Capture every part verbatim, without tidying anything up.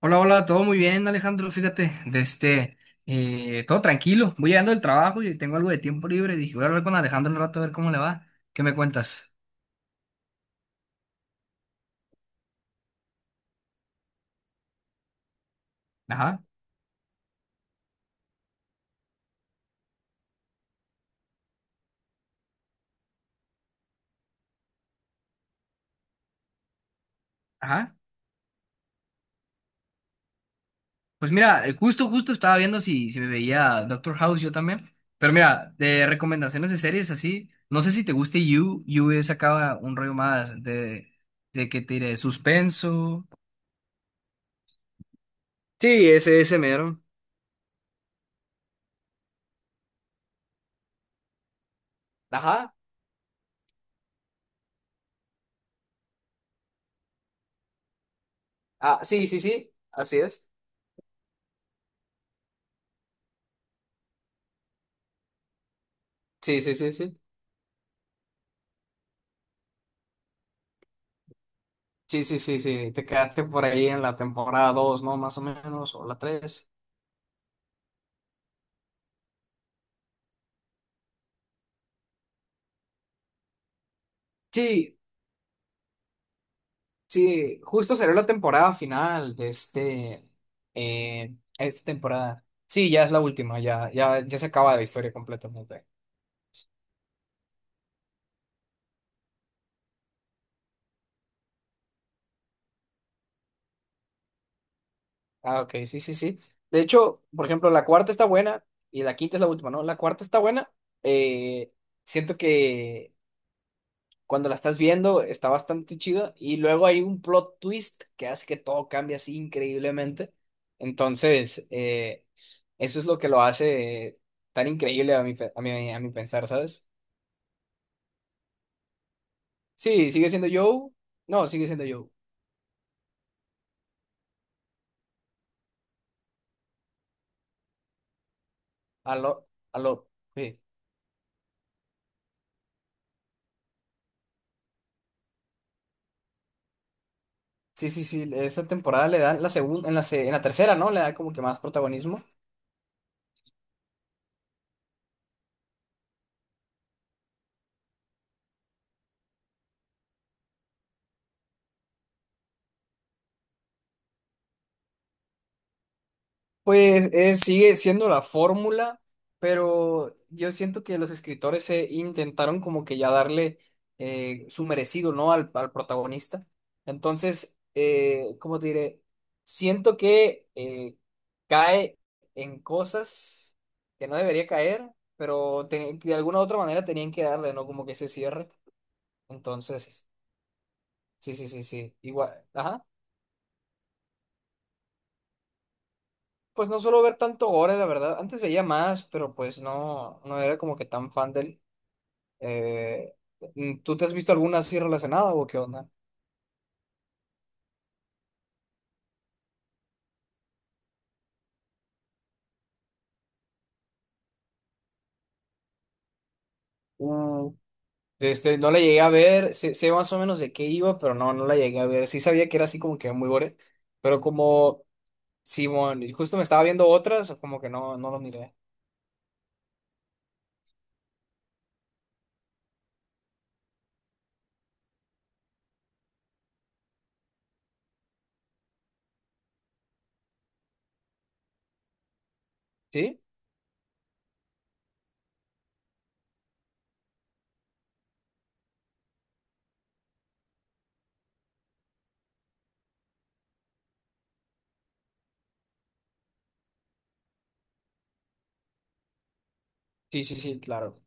Hola, hola, todo muy bien, Alejandro. Fíjate, de este, eh, todo tranquilo. Voy llegando del trabajo y tengo algo de tiempo libre. Dije, voy a hablar con Alejandro un rato a ver cómo le va. ¿Qué me cuentas? Ajá, ajá. Pues mira, eh, justo, justo estaba viendo si, si me veía Doctor House yo también. Pero mira, de recomendaciones de series así, no sé si te guste You. You es acá un rollo más de, de que tire suspenso. Sí, ese, ese mero. Ajá. Ah, sí, sí, sí. Así es. Sí, sí, sí, sí. Sí, sí, sí, sí, te quedaste por ahí en la temporada dos, ¿no? Más o menos, o la tres. Sí, sí, justo salió la temporada final de este, eh, esta temporada. Sí, ya es la última, ya, ya, ya se acaba la historia completamente. Ah, ok, sí, sí, sí. De hecho, por ejemplo, la cuarta está buena y la quinta es la última, ¿no? La cuarta está buena. eh, Siento que cuando la estás viendo está bastante chido y luego hay un plot twist que hace que todo cambie así increíblemente. Entonces, eh, eso es lo que lo hace tan increíble a mi, pe- a mi, a mi pensar, ¿sabes? Sí, sigue siendo Joe. No, sigue siendo Joe. Aló, aló. Sí, sí, sí, sí, esa temporada le dan la segunda, en la, se- en la tercera, ¿no? Le da como que más protagonismo. Pues eh, sigue siendo la fórmula, pero yo siento que los escritores eh, intentaron como que ya darle eh, su merecido, ¿no? Al, al protagonista. Entonces, eh, ¿cómo te diré? Siento que eh, cae en cosas que no debería caer, pero te- de alguna u otra manera tenían que darle, ¿no? Como que ese cierre. Entonces, sí, sí, sí, sí. Igual, ajá. Pues no suelo ver tanto gore, la verdad. Antes veía más, pero pues no, no era como que tan fan del. eh, mm, ¿Tú te has visto alguna así relacionada o qué onda? Mm, Este, no la llegué a ver, sé, sé más o menos de qué iba, pero no, no la llegué a ver. Sí sabía que era así como que muy gore, pero como Simón, y justo me estaba viendo otras, como que no, no lo miré. ¿Sí? Sí, sí, sí, claro.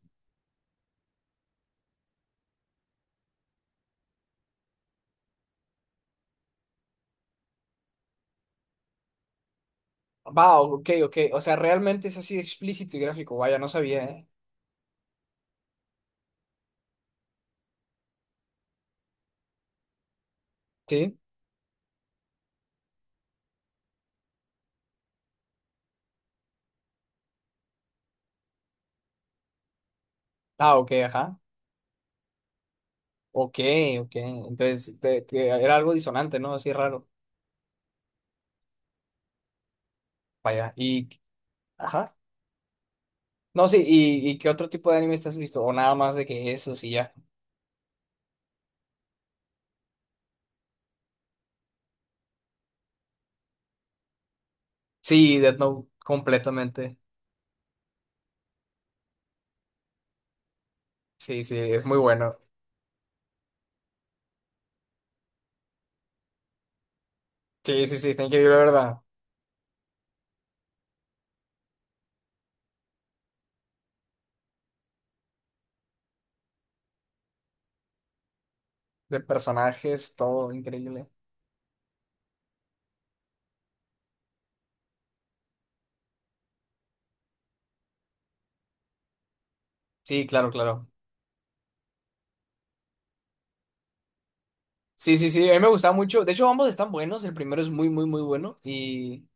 Va, ok, ok. O sea, realmente es así explícito y gráfico. Vaya, no sabía, ¿eh? ¿Sí? Ah, ok, ajá. Ok, ok. Entonces, te- te- era algo disonante, ¿no? Así raro. Vaya. Y, ajá. No, sí, ¿y, y qué otro tipo de anime te has visto? O nada más de que eso, sí, ya. Sí, Death Note, completamente. Sí, sí, es muy bueno. Sí, sí, sí, está increíble, la ¿verdad? De personajes, todo increíble. Sí, claro, claro. Sí, sí, sí, a mí me gustaba mucho. De hecho, ambos están buenos. El primero es muy, muy, muy bueno. Y,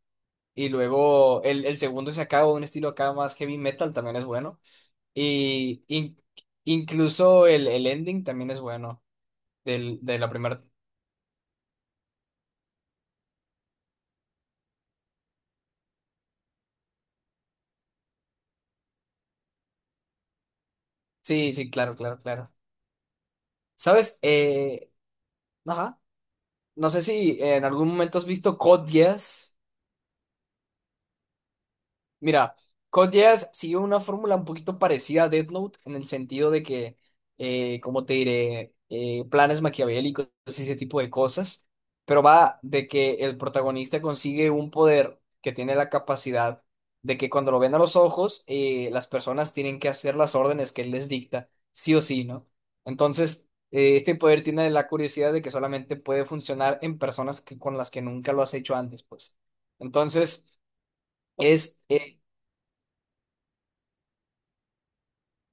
y luego el, el segundo se acaba de un estilo acá más heavy metal, también es bueno. Y in- incluso el, el ending también es bueno del, de la primera. Sí, sí, claro, claro, claro. ¿Sabes? Eh, ajá. No sé si en algún momento has visto Code Geass. Mira, Code Geass sigue una fórmula un poquito parecida a Death Note en el sentido de que, eh, como te diré, eh, planes maquiavélicos y ese tipo de cosas, pero va de que el protagonista consigue un poder que tiene la capacidad de que cuando lo ven a los ojos, eh, las personas tienen que hacer las órdenes que él les dicta, sí o sí, ¿no? Entonces, eh, este poder tiene la curiosidad de que solamente puede funcionar en personas que- con las que nunca lo has hecho antes, pues. Entonces, es... eh,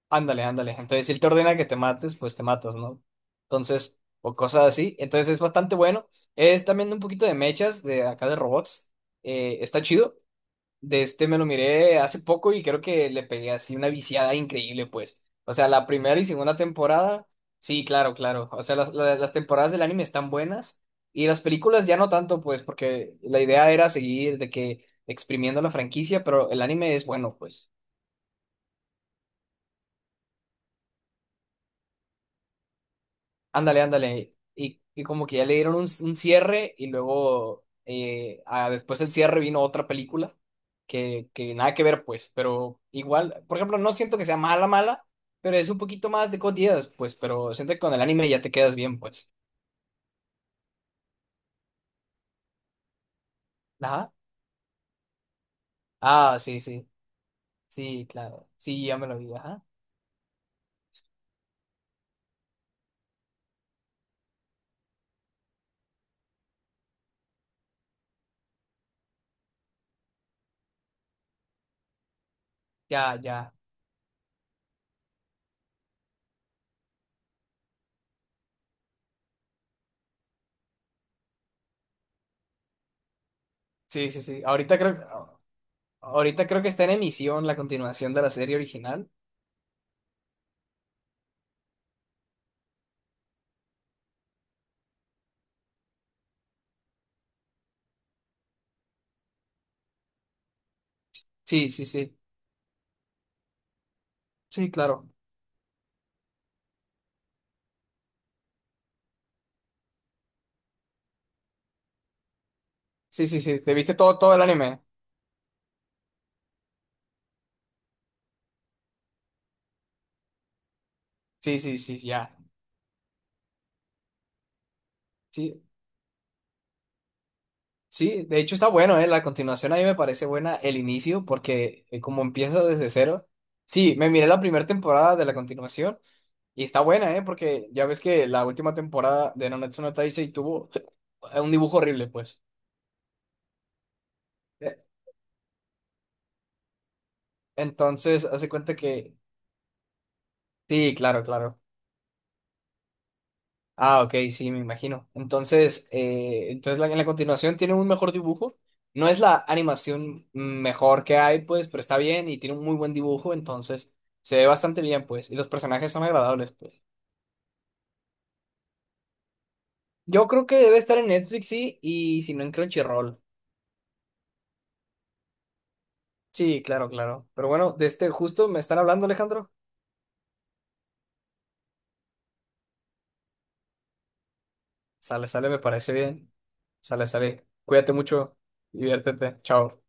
ándale, ándale. Entonces, si él te ordena que te mates, pues te matas, ¿no? Entonces, o cosas así. Entonces, es bastante bueno. Es también un poquito de mechas de acá de robots. Eh, está chido. De este me lo miré hace poco y creo que le pegué así una viciada increíble, pues. O sea, la primera y segunda temporada, sí, claro, claro. O sea, las, la- las temporadas del anime están buenas y las películas ya no tanto, pues, porque la idea era seguir de que exprimiendo la franquicia, pero el anime es bueno, pues. Ándale, ándale. Y, y como que ya le dieron un, un cierre y luego eh, ah, después del cierre vino otra película que, que nada que ver, pues, pero igual, por ejemplo, no siento que sea mala, mala, pero es un poquito más de cotidianas, pues, pero siento que con el anime ya te quedas bien, pues. Ajá. Ah, sí, sí, sí, claro. Sí, ya me lo vi, ajá. Ya, ya. Sí, sí, sí. Ahorita creo, ahorita creo que está en emisión la continuación de la serie original. Sí, sí, sí. Sí, claro. Sí, sí, sí. ¿Te viste todo, todo el anime? Sí, sí, sí, ya. Sí, sí, de hecho está bueno, ¿eh? La continuación a mí me parece buena el inicio porque eh, como empieza desde cero. Sí, me miré la primera temporada de la continuación y está buena, ¿eh? Porque ya ves que la última temporada de Nanatsu no Taizai tuvo un dibujo horrible, pues. Eh, Entonces, hace cuenta que... Sí, claro, claro. Ah, ok, sí, me imagino. Entonces, eh, entonces la, en la continuación tiene un mejor dibujo. No es la animación mejor que hay, pues, pero está bien y tiene un muy buen dibujo, entonces se ve bastante bien, pues, y los personajes son agradables, pues. Yo creo que debe estar en Netflix, sí, y si no en Crunchyroll. Sí, claro, claro. Pero bueno, de este justo me están hablando, Alejandro. Sale, sale, me parece bien. Sale, sale. Cuídate mucho, diviértete. Chao.